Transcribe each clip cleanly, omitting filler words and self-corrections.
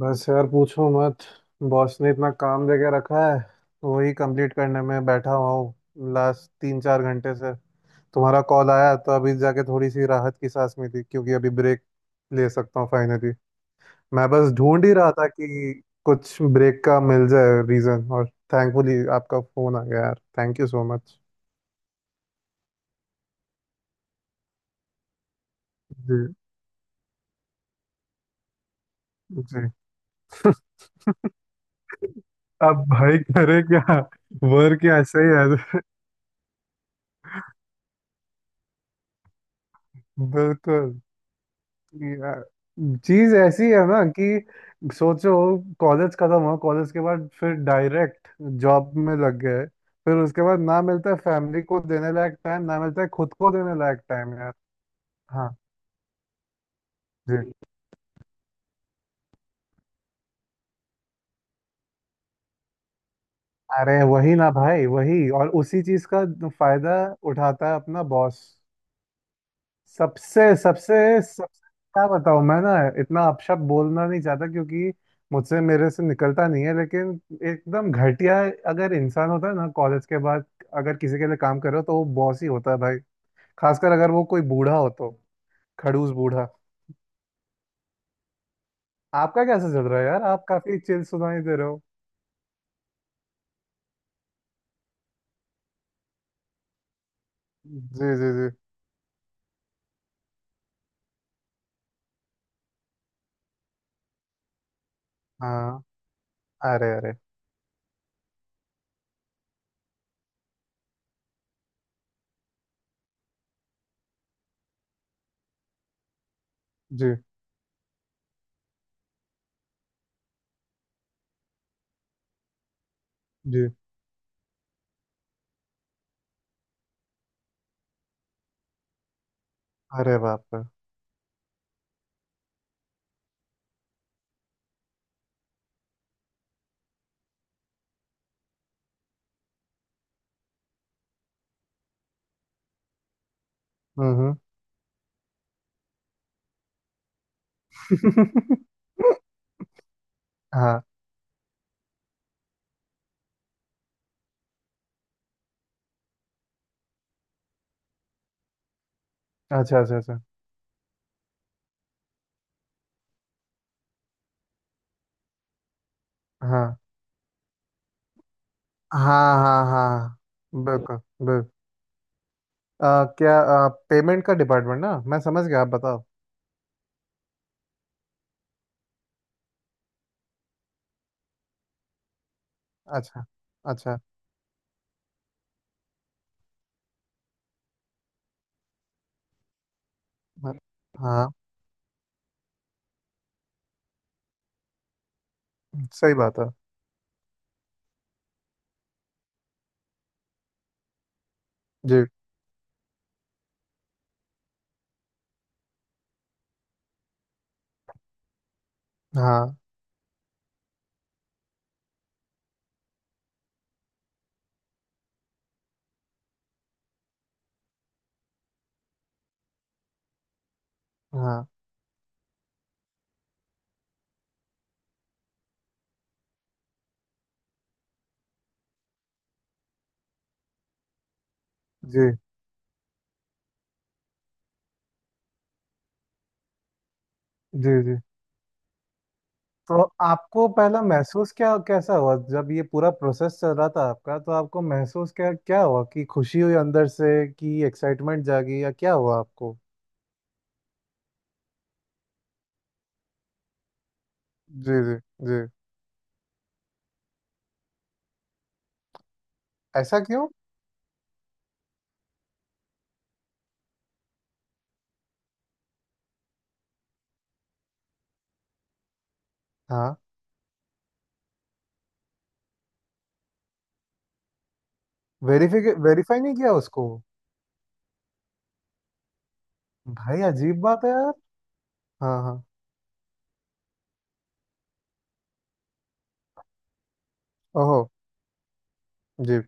बस यार पूछो मत। बॉस ने इतना काम दे के रखा है तो वही कंप्लीट करने में बैठा हुआ हूँ लास्ट 3-4 घंटे से। तुम्हारा कॉल आया तो अभी जाके थोड़ी सी राहत की सांस में थी क्योंकि अभी ब्रेक ले सकता हूँ फाइनली। मैं बस ढूंढ ही रहा था कि कुछ ब्रेक का मिल जाए रीज़न, और थैंकफुली आपका फ़ोन आ गया यार। Thank you so much. जी। जी। अब भाई करे क्या। वर्क यहाँ सही है। बिल्कुल। यार चीज ऐसी है ना कि सोचो, कॉलेज खत्म हुआ, कॉलेज के बाद फिर डायरेक्ट जॉब में लग गए। फिर उसके बाद ना मिलता है फैमिली को देने लायक टाइम, ना मिलता है खुद को देने लायक टाइम यार। हाँ। जी। अरे वही ना भाई, वही। और उसी चीज का फायदा उठाता है अपना बॉस। सबसे सबसे सबसे क्या बताऊं, मैं ना इतना अपशब्द बोलना नहीं चाहता क्योंकि मुझसे मेरे से निकलता नहीं है। लेकिन एकदम घटिया अगर इंसान होता है ना कॉलेज के बाद, अगर किसी के लिए काम कर रहे हो तो वो बॉस ही होता है भाई। खासकर अगर वो कोई बूढ़ा हो तो, खड़ूस बूढ़ा। आपका कैसे चल रहा है यार? आप काफी चिल सुनाई दे रहे हो। जी जी जी। हाँ। अरे अरे। जी जी। अरे बाप रे। हम्म। हम्म। हाँ। अच्छा अच्छा अच्छा। हाँ हाँ हाँ हाँ, बिल्कुल। बिल्कुल। क्या पेमेंट का डिपार्टमेंट ना, मैं समझ गया, आप बताओ। अच्छा। अच्छा। हाँ। हाँ, सही बात है। जी। हाँ। हाँ। जी जी जी। तो आपको पहला महसूस क्या कैसा हुआ जब ये पूरा प्रोसेस चल रहा था आपका, तो आपको महसूस क्या क्या हुआ? कि खुशी हुई अंदर से, कि एक्साइटमेंट जागी, या क्या हुआ आपको? जी जी जी। ऐसा क्यों? हाँ। वेरीफाई वेरीफाई नहीं किया उसको? भाई अजीब बात है यार। हाँ हाँ। ओहो। जी।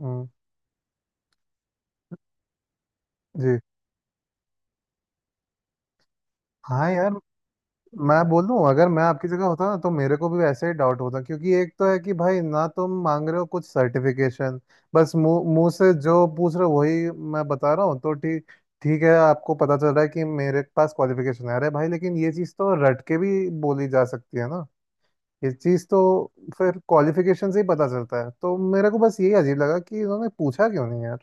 हम्म, जी। हाँ यार। मैं बोलूँ, अगर मैं आपकी जगह होता ना तो मेरे को भी वैसे ही डाउट होता क्योंकि एक तो है कि भाई ना, तुम मांग रहे हो कुछ सर्टिफिकेशन। बस मुंह मुंह से जो पूछ रहे हो वही मैं बता रहा हूँ तो ठीक। ठीक है, आपको पता चल रहा है कि मेरे पास क्वालिफिकेशन है, अरे भाई, लेकिन ये चीज़ तो रट के भी बोली जा सकती है ना। ये चीज़ तो फिर क्वालिफिकेशन से ही पता चलता है। तो मेरे को बस यही अजीब लगा कि इन्होंने पूछा क्यों नहीं यार।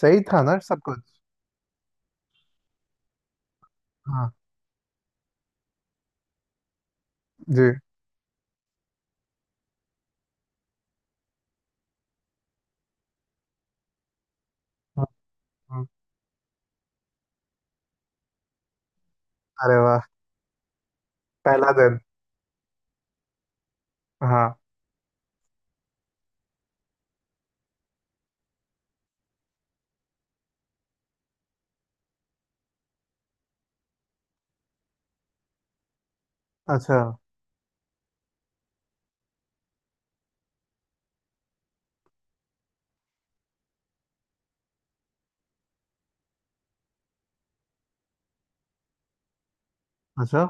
सही था ना सब कुछ? हाँ। जी। हम्म, हम्म, अरे वाह। पहला दिन। हाँ। अच्छा। अच्छा।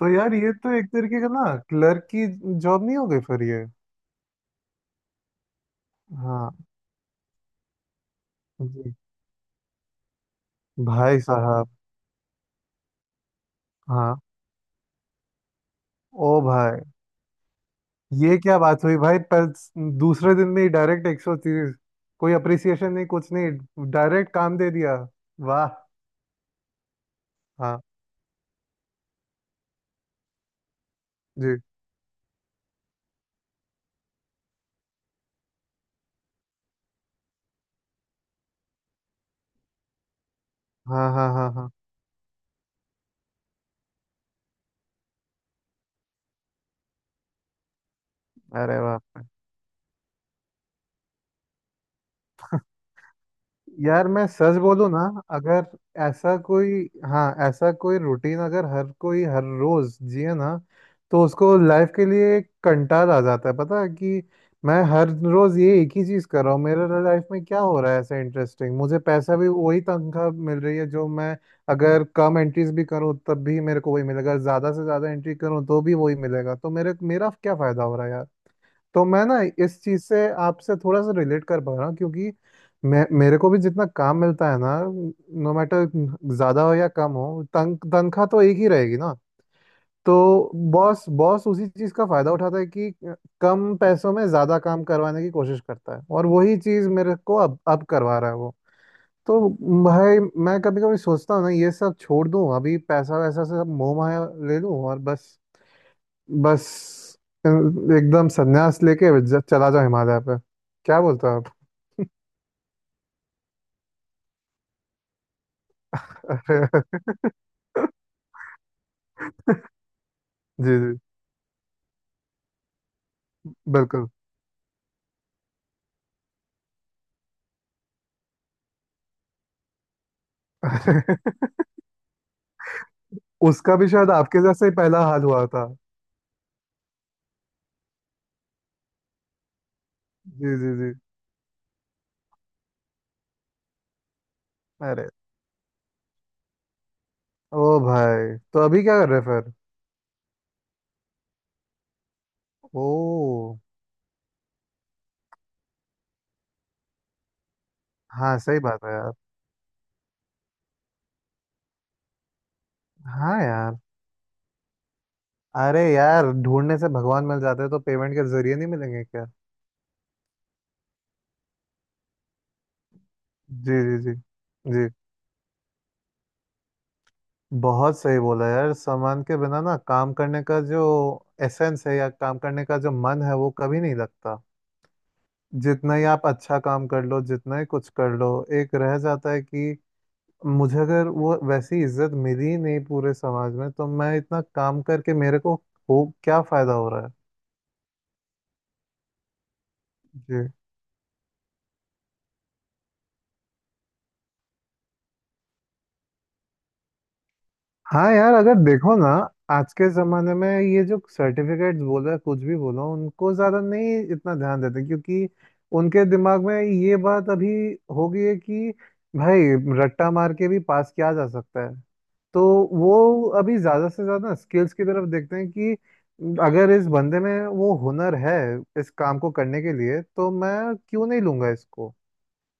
तो यार ये तो एक तरीके का ना, क्लर्क की जॉब नहीं हो गई फिर ये? हाँ। जी। भाई साहब। हाँ। ओ भाई। ये क्या बात हुई भाई पर? दूसरे दिन में ही डायरेक्ट 130। कोई अप्रिसिएशन नहीं, कुछ नहीं, डायरेक्ट काम दे दिया। वाह। हाँ। जी। हाँ हाँ हाँ हाँ। अरे वाह। यार मैं सच बोलूं ना, अगर ऐसा कोई, हाँ, ऐसा कोई रूटीन अगर हर कोई हर रोज जिए ना, तो उसको लाइफ के लिए एक कंटाल आ जाता है। पता है, कि मैं हर रोज ये एक ही चीज कर रहा हूँ। मेरे लाइफ में क्या हो रहा है ऐसा इंटरेस्टिंग? मुझे पैसा भी वही तनख्वाह मिल रही है जो मैं, अगर कम एंट्रीज भी करूँ तब भी मेरे को वही मिलेगा, ज्यादा से ज्यादा एंट्री करूँ तो भी वही मिलेगा। तो मेरे मेरा क्या फायदा हो रहा है यार। तो मैं ना इस चीज से आपसे थोड़ा सा रिलेट कर पा रहा हूँ क्योंकि मैं, मेरे को भी जितना काम मिलता है ना, नो मैटर ज्यादा हो या कम हो, तनख्वाह तो एक ही रहेगी ना। तो बॉस बॉस उसी चीज का फायदा उठाता है कि कम पैसों में ज्यादा काम करवाने की कोशिश करता है, और वही चीज मेरे को अब करवा रहा है वो। तो भाई, मैं कभी कभी सोचता हूँ ना, ये सब छोड़ दूँ अभी, पैसा वैसा से सब मोह माया ले लूँ, और बस बस एकदम संन्यास लेके चला जाओ हिमालय पे। क्या बोलते हो आप? अरे। जी जी। बिल्कुल। उसका भी शायद आपके जैसे ही पहला हाल हुआ था। जी जी जी। अरे। ओ भाई, तो अभी क्या कर रहे फिर? ओ। हाँ सही बात है यार। हाँ यार। अरे यार, ढूंढने से भगवान मिल जाते हैं, तो पेमेंट के जरिए नहीं मिलेंगे क्या? जी जी जी। जी। बहुत सही बोला यार। सामान के बिना ना, काम करने का जो एसेंस है, या काम करने का जो मन है, वो कभी नहीं लगता। जितना ही आप अच्छा काम कर लो, जितना ही कुछ कर लो, एक रह जाता है कि, मुझे अगर वो वैसी इज्जत मिली ही नहीं पूरे समाज में, तो मैं इतना काम करके मेरे को हो, क्या फायदा हो रहा है? हाँ यार। अगर देखो ना, आज के जमाने में ये जो सर्टिफिकेट्स बोलो या कुछ भी बोलो, उनको ज्यादा नहीं, इतना ध्यान देते क्योंकि उनके दिमाग में ये बात अभी हो गई है कि भाई, रट्टा मार के भी पास किया जा सकता है। तो वो अभी ज्यादा से ज्यादा स्किल्स की तरफ देखते हैं कि अगर इस बंदे में वो हुनर है इस काम को करने के लिए, तो मैं क्यों नहीं लूंगा इसको?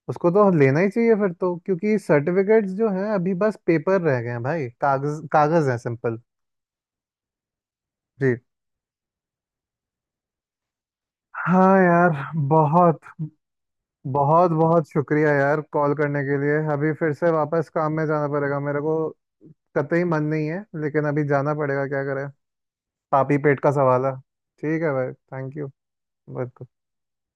उसको तो लेना ही चाहिए फिर तो, क्योंकि सर्टिफिकेट्स जो हैं अभी बस पेपर रह गए हैं भाई। कागज कागज है, सिंपल। जी। हाँ यार। बहुत बहुत बहुत शुक्रिया यार, कॉल करने के लिए। अभी फिर से वापस काम में जाना पड़ेगा मेरे को। कतई मन नहीं है लेकिन अभी जाना पड़ेगा, क्या करें। पापी पेट का सवाल है। ठीक है भाई। Thank you.